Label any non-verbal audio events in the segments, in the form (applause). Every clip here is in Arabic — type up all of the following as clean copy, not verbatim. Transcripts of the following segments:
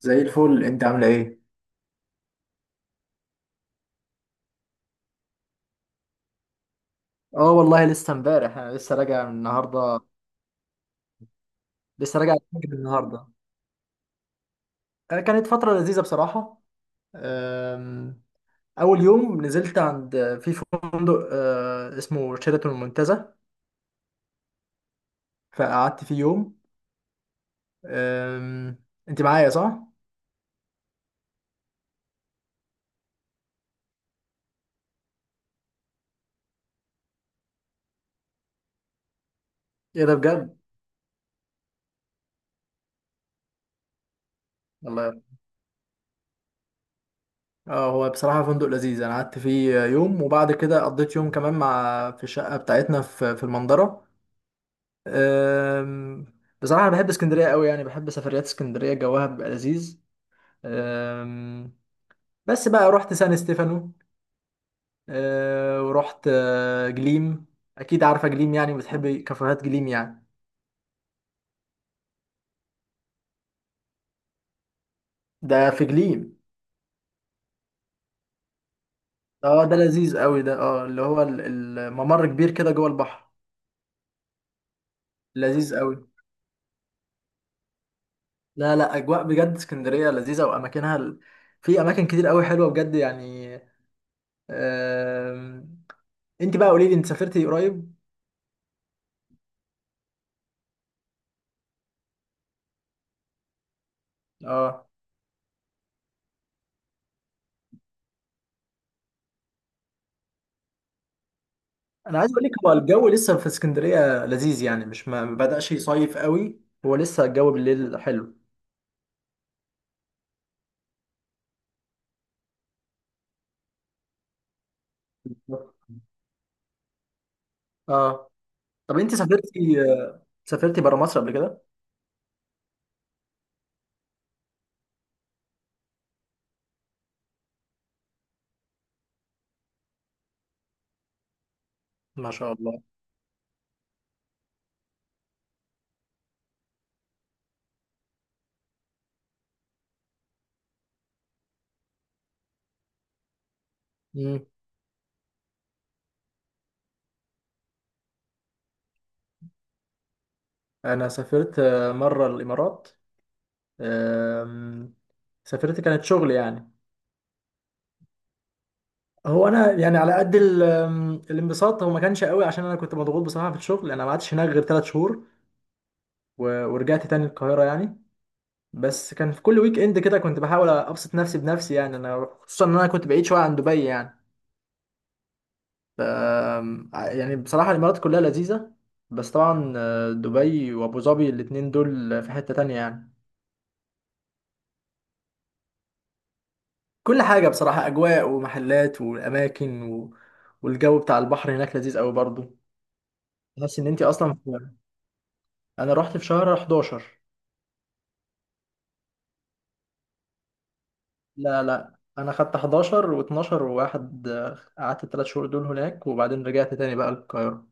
زي الفل، انت عامله ايه؟ اه والله، لسه امبارح، انا لسه راجع من النهارده. لسه راجع من النهارده. كانت فتره لذيذه بصراحه. آم، اول يوم نزلت عند في فندق اسمه شيراتون المنتزه. فقعدت فيه يوم. آم، انت معايا، صح؟ ايه ده بجد! والله. اه، هو بصراحه فندق لذيذ، انا قعدت فيه يوم وبعد كده قضيت يوم كمان مع في الشقه بتاعتنا في المنظره. أم، بصراحة أنا بحب اسكندرية قوي، يعني بحب سفريات اسكندرية، جوها بيبقى لذيذ. أم، بس بقى رحت سان ستيفانو. ورحت جليم. أكيد عارفة جليم، يعني بتحبي كافيهات جليم يعني. ده في جليم؟ اه، ده لذيذ قوي، ده اللي هو الممر كبير كده جوه البحر. لذيذ قوي. لا لا، أجواء بجد اسكندرية لذيذة، وأماكنها في أماكن كتير قوي حلوة بجد يعني. أم، أنت بقى قولي لي، أنت سافرتي قريب؟ اه، انا عايز اقول لك، هو الجو لسه في اسكندريه لذيذ، يعني مش ما بدأش يصيف قوي. هو لسه الجو بالليل حلو. اه، طب انت سافرتي بره مصر قبل كده؟ ما شاء الله. مم. انا سافرت مره الامارات. آم، سافرت، كانت شغل يعني. هو انا يعني على قد ال- آم، الانبساط، هو ما كانش قوي عشان انا كنت مضغوط بصراحه في الشغل. انا ما قعدتش هناك غير 3 شهور ورجعت تاني القاهره يعني. بس كان في كل ويك اند كده كنت بحاول ابسط نفسي بنفسي يعني، انا خصوصا ان انا كنت بعيد شويه عن دبي يعني. ف آه، يعني بصراحه الامارات كلها لذيذه، بس طبعا، دبي وابو ظبي الاتنين دول في حته تانية يعني. كل حاجه بصراحه، اجواء ومحلات واماكن والجو بتاع البحر هناك لذيذ قوي برضو. تحس ان انت اصلا انا رحت في شهر 11. لا لا، انا خدت 11 و12 وواحد، قعدت الثلاث شهور دول هناك وبعدين رجعت تاني بقى القاهره.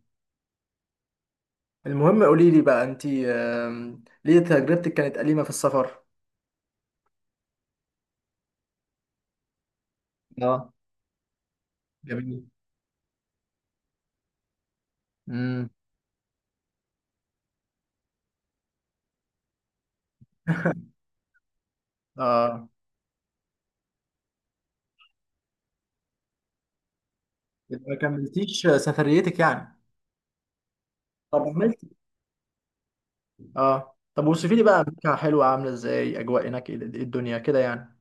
المهم قولي لي بقى انت، ليه تجربتك كانت أليمة في السفر؟ اه. جميل. امم. (laughs) اه، يبقى ما كملتيش سفريتك يعني؟ طب عملت. اه، طب وصفي لي بقى امريكا حلوه عامله ازاي، اجواء هناك إيه الدنيا كده يعني؟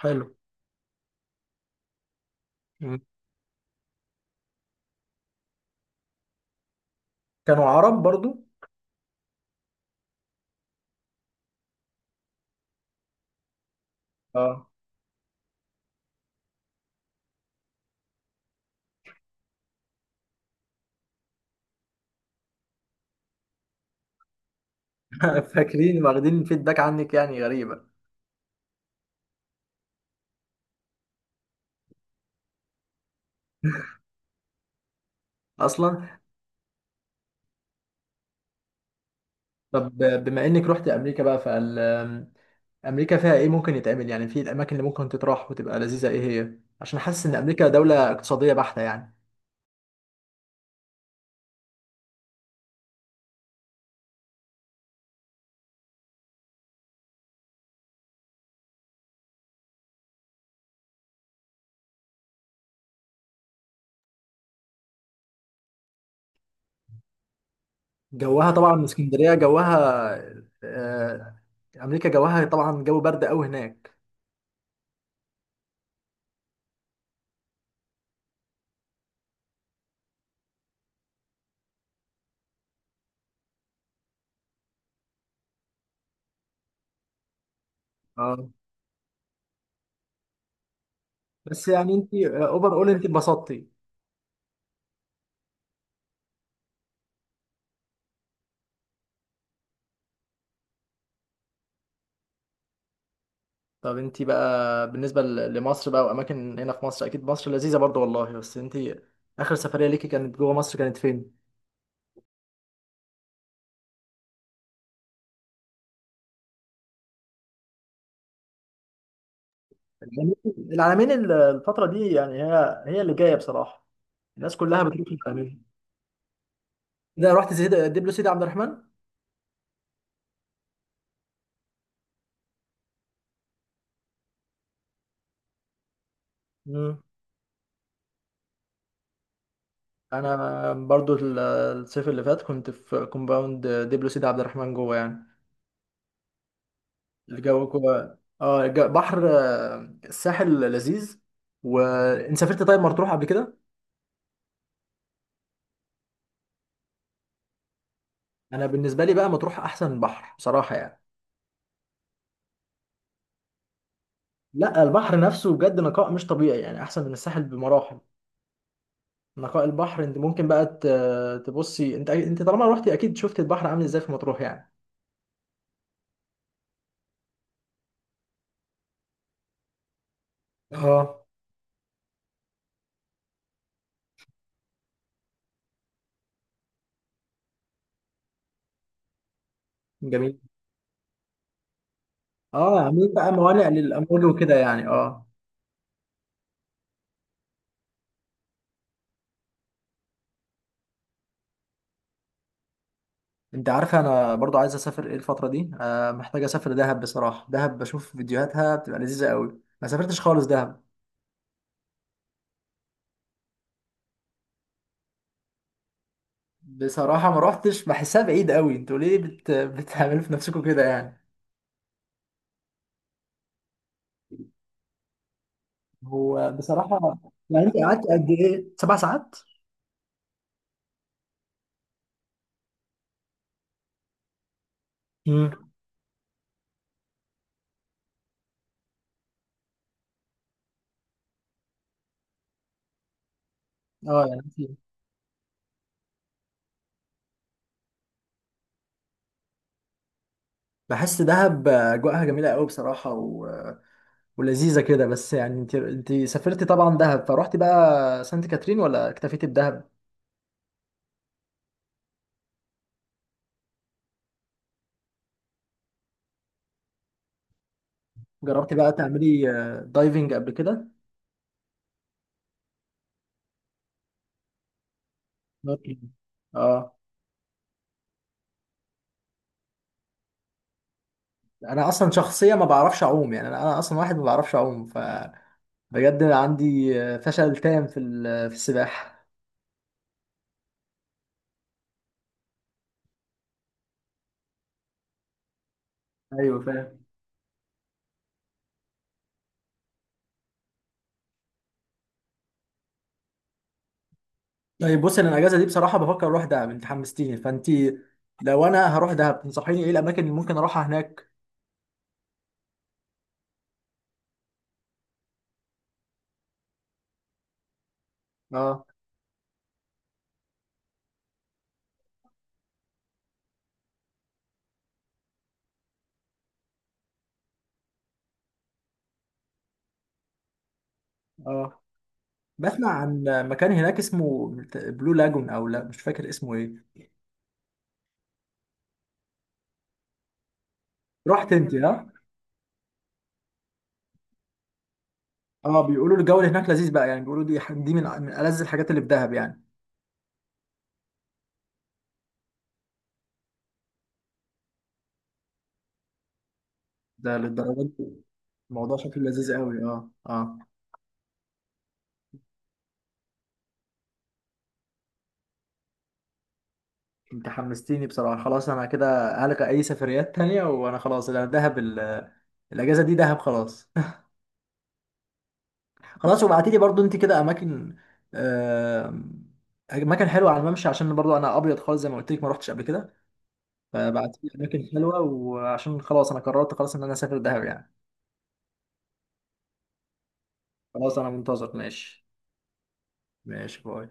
حلو. أمم. كانوا عرب برضو؟ اه. (laughs) فاكرين واخدين فيدباك عنك، يعني غريبه. اصلا. طب بما انك رحت امريكا بقى، امريكا فيها ايه ممكن يتعمل يعني، في الاماكن اللي ممكن تتراح وتبقى لذيذه؟ ايه هي، عشان حاسس ان امريكا دوله اقتصاديه بحته يعني. جوها طبعا اسكندريه جوها. آه، امريكا جوها طبعا جو برد قوي هناك. اه. بس يعني انت اوفر اول، انت اتبسطتي؟ طب انت بقى، بالنسبه لمصر بقى واماكن هنا في مصر، اكيد مصر لذيذه برضو والله، بس انت اخر سفريه ليكي كانت جوه مصر كانت فين؟ العلمين. العلمين الفتره دي يعني، هي هي اللي جايه بصراحه. الناس كلها بتروح العلمين. ده رحت سيدي دبلو سيدي عبد الرحمن؟ مم. انا برضو الصيف اللي فات كنت في كومباوند دبلو سيدي عبد الرحمن جوه يعني. الجو جوه بحر، الساحل لذيذ. وانت سافرت طيب مطروح قبل كده؟ انا بالنسبه لي بقى مطروح احسن بحر بصراحه يعني. لا، البحر نفسه بجد نقاء مش طبيعي يعني، احسن من الساحل بمراحل. نقاء البحر، انت ممكن بقى تبصي، انت طالما روحتي اكيد شفت البحر عامل ازاي في مطروح يعني. اه. جميل. اه، عاملين بقى موانئ للامور وكده يعني اه انت عارفه، انا برضو عايز اسافر ايه الفتره دي، محتاج اسافر دهب بصراحه. دهب بشوف فيديوهاتها بتبقى لذيذه قوي، ما سافرتش خالص دهب بصراحه، ما روحتش، بحسها بعيد قوي. انتوا ليه بتعملوا في نفسكم كده يعني؟ هو بصراحه. يعني انت قعدت قد ايه، 7 ساعات؟ امم. اه يعني كتير. بحس دهب اجواءها جميله قوي بصراحه ولذيذه كده، بس يعني انت سافرتي طبعا دهب فروحتي بقى سانت كاترين ولا اكتفيتي بدهب؟ جربتي بقى تعملي دايفنج قبل كده؟ ممكن. اه. انا اصلا شخصيه ما بعرفش اعوم يعني، انا اصلا واحد ما بعرفش اعوم فبجد عندي فشل تام في في السباحه. ايوه فاهم. طيب بص، انا الاجازه دي بصراحه بفكر اروح دهب، انت حمستيني فانت، لو انا هروح دهب تنصحيني ايه الاماكن اللي ممكن اروحها هناك؟ اه، اه. بسمع عن مكان هناك اسمه بلو لاجون، او لا مش فاكر اسمه ايه. رحت انت، ها؟ اه. بيقولوا الجو اللي هناك لذيذ بقى يعني، بيقولوا دي من ألذ الحاجات اللي في دهب يعني. ده للدرجة دي؟ الموضوع شكله لذيذ قوي. اه، اه. انت حمستيني بصراحة، خلاص انا كده هلغي اي سفريات تانية، وانا خلاص انا دهب، الاجازة دي دهب خلاص. (laughs) خلاص، وبعتي لي برضو انت كده اماكن، آم، اماكن حلوة على الممشى، عشان برضو انا ابيض خالص زي ما قلت لك، ما رحتش قبل كده. فبعتي لي اماكن حلوة، وعشان خلاص انا قررت خلاص ان انا اسافر دهب يعني. خلاص، انا منتظر ماشي. ماشي، باي.